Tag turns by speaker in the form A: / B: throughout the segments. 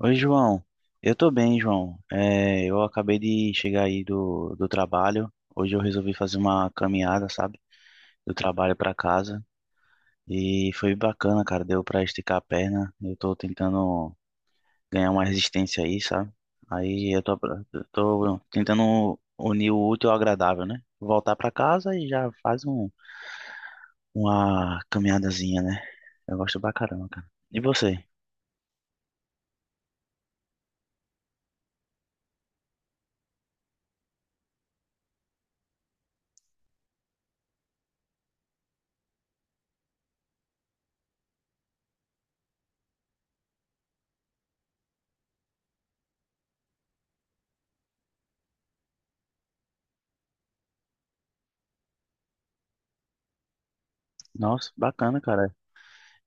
A: Oi, João. Eu tô bem, João. É, eu acabei de chegar aí do trabalho. Hoje eu resolvi fazer uma caminhada, sabe? Do trabalho pra casa. E foi bacana, cara. Deu pra esticar a perna. Eu tô tentando ganhar uma resistência aí, sabe? Aí eu tô tentando unir o útil ao agradável, né? Voltar pra casa e já faz uma caminhadazinha, né? Eu gosto pra caramba, cara. E você? Nossa, bacana, cara.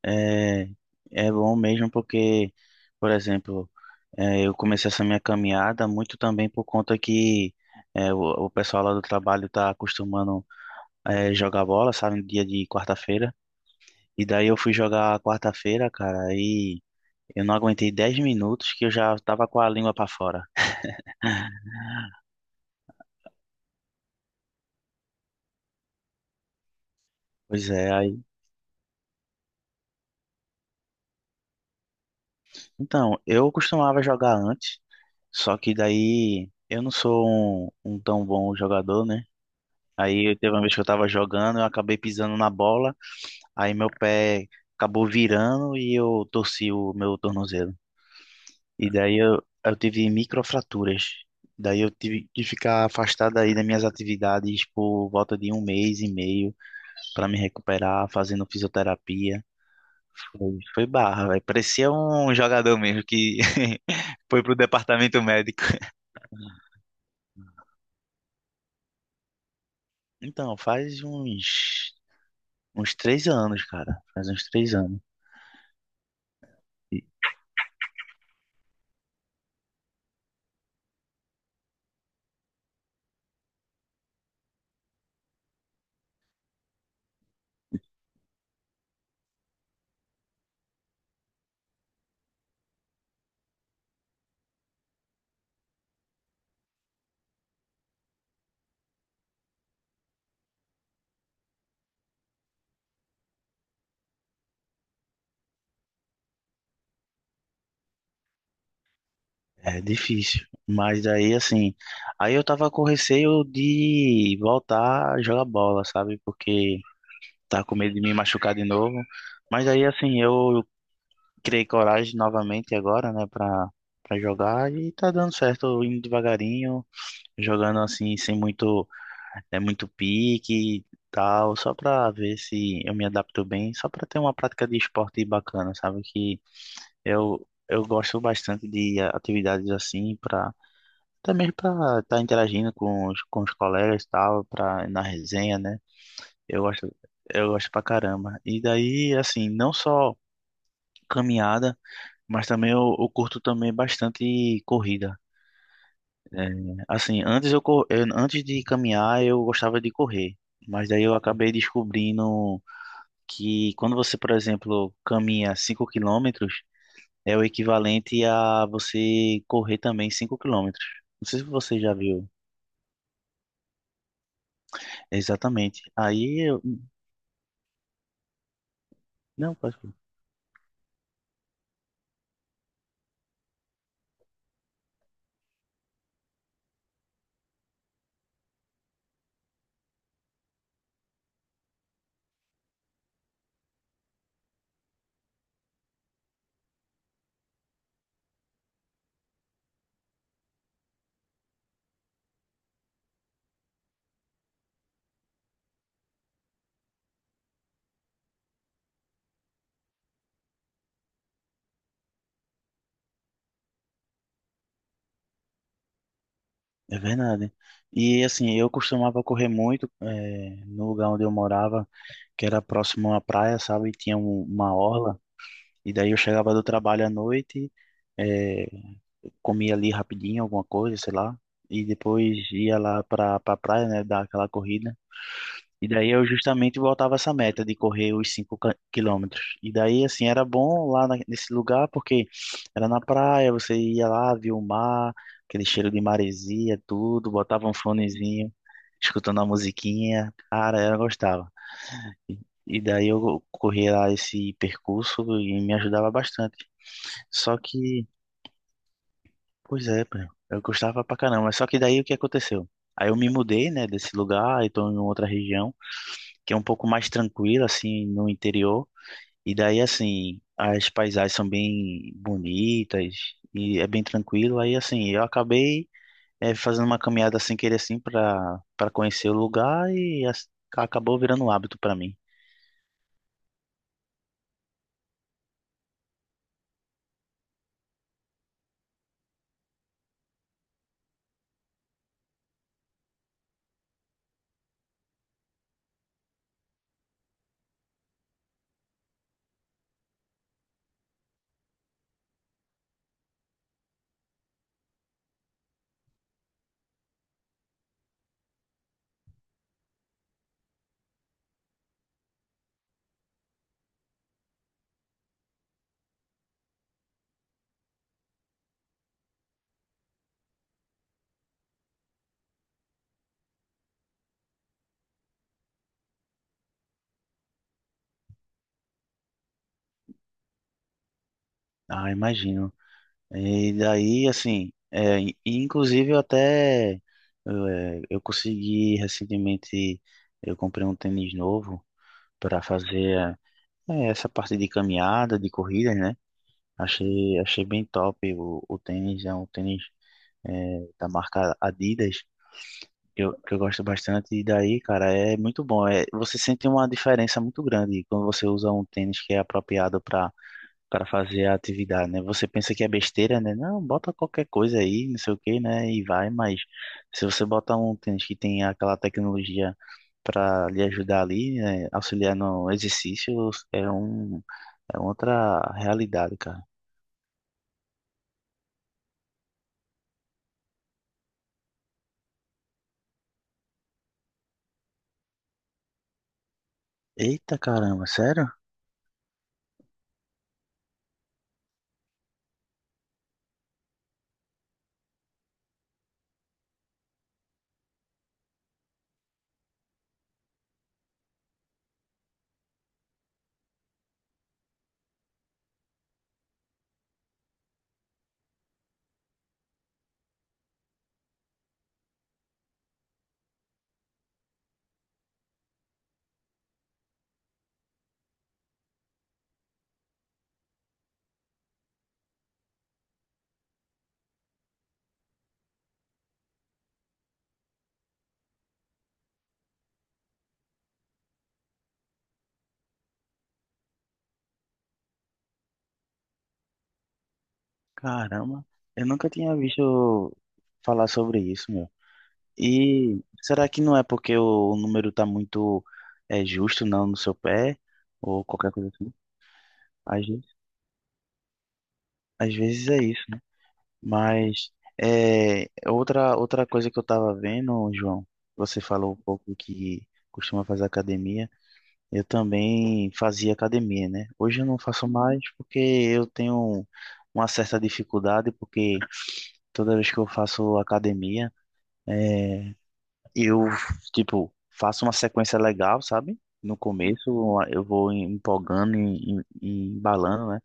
A: É, É bom mesmo porque, por exemplo, eu comecei essa minha caminhada muito também por conta que é, o, o pessoal lá do trabalho tá acostumando, jogar bola, sabe, no dia de quarta-feira. E daí eu fui jogar quarta-feira, cara, aí eu não aguentei 10 minutos que eu já tava com a língua pra fora. Pois é, aí. Então, eu costumava jogar antes, só que daí eu não sou um tão bom jogador, né? Aí teve uma vez que eu tava jogando, eu acabei pisando na bola, aí meu pé acabou virando e eu torci o meu tornozelo. E daí eu tive microfraturas. Daí eu tive que ficar afastado aí das minhas atividades por volta de 1 mês e meio para me recuperar, fazendo fisioterapia. Foi barra, velho. Parecia um jogador mesmo que foi pro departamento médico. Então, faz uns 3 anos, cara. Faz uns 3 anos. É difícil. Mas aí, assim, aí eu tava com receio de voltar a jogar bola, sabe? Porque tava com medo de me machucar de novo. Mas aí, assim, eu criei coragem novamente agora, né, pra jogar e tá dando certo, eu indo devagarinho, jogando assim, sem muito, é muito pique e tal, só pra ver se eu me adapto bem, só pra ter uma prática de esporte bacana, sabe? Que eu gosto bastante de atividades assim, pra até mesmo para estar interagindo com os colegas e tal, pra, na resenha, né? Eu gosto, eu gosto pra caramba. E daí, assim, não só caminhada, mas também eu curto também bastante corrida. É, assim, antes, antes de caminhar, eu gostava de correr. Mas daí eu acabei descobrindo que quando você, por exemplo, caminha 5 quilômetros, é o equivalente a você correr também 5 quilômetros. Não sei se você já viu. Exatamente. Aí, não, pode crer. É verdade. E assim, eu costumava correr muito, no lugar onde eu morava, que era próximo à praia, sabe? E tinha uma orla. E daí eu chegava do trabalho à noite, eh, comia ali rapidinho alguma coisa, sei lá. E depois ia lá pra praia, né? Dar aquela corrida. E daí eu justamente voltava essa meta de correr os 5 quilômetros. E daí, assim, era bom lá nesse lugar porque era na praia, você ia lá, via o mar, aquele cheiro de maresia, tudo, botava um fonezinho, escutando a musiquinha. Cara, eu gostava. E daí eu corria lá esse percurso e me ajudava bastante. Só que, pois é, pô, eu gostava pra caramba. Só que daí o que aconteceu? Aí eu me mudei, né, desse lugar, então em outra região que é um pouco mais tranquila, assim, no interior. E daí, assim, as paisagens são bem bonitas e é bem tranquilo. Aí, assim, eu acabei, fazendo uma caminhada sem querer, assim, para conhecer o lugar e acabou virando um hábito para mim. Ah, imagino. E daí, assim, e inclusive eu até, eu consegui recentemente, eu comprei um tênis novo para fazer, essa parte de caminhada, de corrida, né? Achei, achei bem top o tênis, é um tênis, da marca Adidas, que eu gosto bastante, e daí, cara, é muito bom. É, você sente uma diferença muito grande quando você usa um tênis que é apropriado para fazer a atividade, né? Você pensa que é besteira, né? Não, bota qualquer coisa aí, não sei o que, né? E vai, mas se você bota um tênis que tem aquela tecnologia para lhe ajudar ali, né? Auxiliar no exercício, é um, é outra realidade, cara. Eita caramba, sério? Caramba, eu nunca tinha visto falar sobre isso, meu. E será que não é porque o número tá muito, justo, não, no seu pé? Ou qualquer coisa assim? Às vezes, às vezes é isso, né? Mas, outra coisa que eu tava vendo, João, você falou um pouco que costuma fazer academia. Eu também fazia academia, né? Hoje eu não faço mais porque eu tenho uma certa dificuldade, porque toda vez que eu faço academia, é, eu, tipo, faço uma sequência legal, sabe? No começo eu vou empolgando e embalando, né?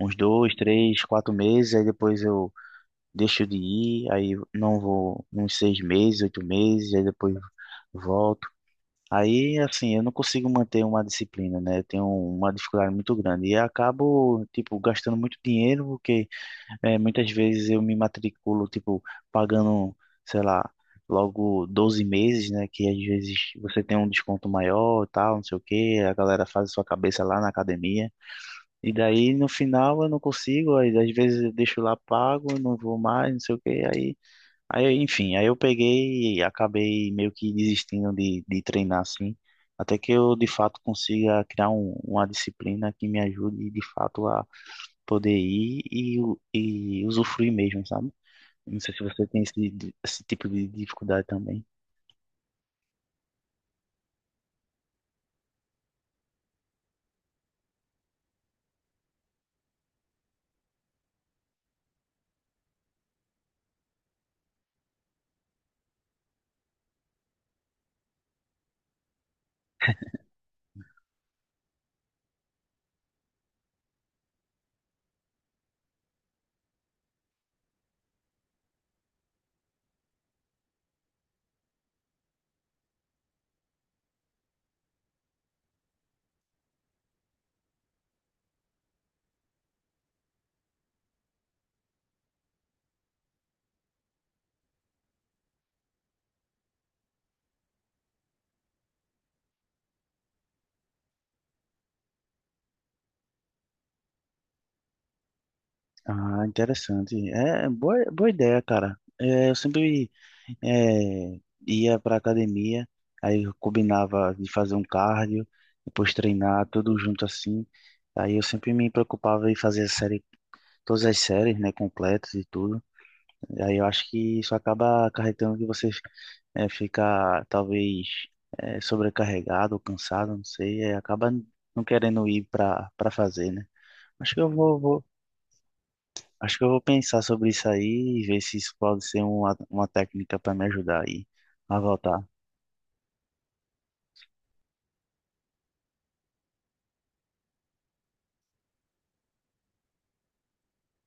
A: Uns dois, três, 4 meses, aí depois eu deixo de ir, aí não vou uns 6 meses, 8 meses, aí depois volto. Aí, assim, eu não consigo manter uma disciplina, né? Eu tenho uma dificuldade muito grande e acabo, tipo, gastando muito dinheiro porque, muitas vezes eu me matriculo, tipo, pagando, sei lá, logo 12 meses, né? Que às vezes você tem um desconto maior, e tal, não sei o quê, a galera faz a sua cabeça lá na academia. E daí no final eu não consigo, aí às vezes eu deixo lá pago, não vou mais, não sei o quê, aí enfim, aí eu peguei e acabei meio que desistindo de treinar assim, até que eu de fato consiga criar uma disciplina que me ajude de fato poder ir e, e usufruir mesmo, sabe? Não sei se você tem esse tipo de dificuldade também. Ah, interessante. É, é boa ideia, cara. É, eu sempre, é, ia pra academia, aí eu combinava de fazer um cardio, depois treinar, tudo junto assim. Aí eu sempre me preocupava em fazer a série, todas as séries, né, completas e tudo. E aí eu acho que isso acaba acarretando que você, fica talvez, sobrecarregado ou cansado, não sei, e acaba não querendo ir para fazer, né? Acho que eu vou, vou- acho que eu vou pensar sobre isso aí e ver se isso pode ser uma técnica para me ajudar aí a voltar.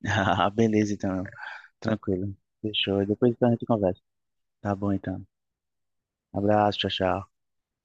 A: Beleza, então. Tranquilo. Fechou. E depois então a gente conversa. Tá bom, então. Abraço, tchau, tchau.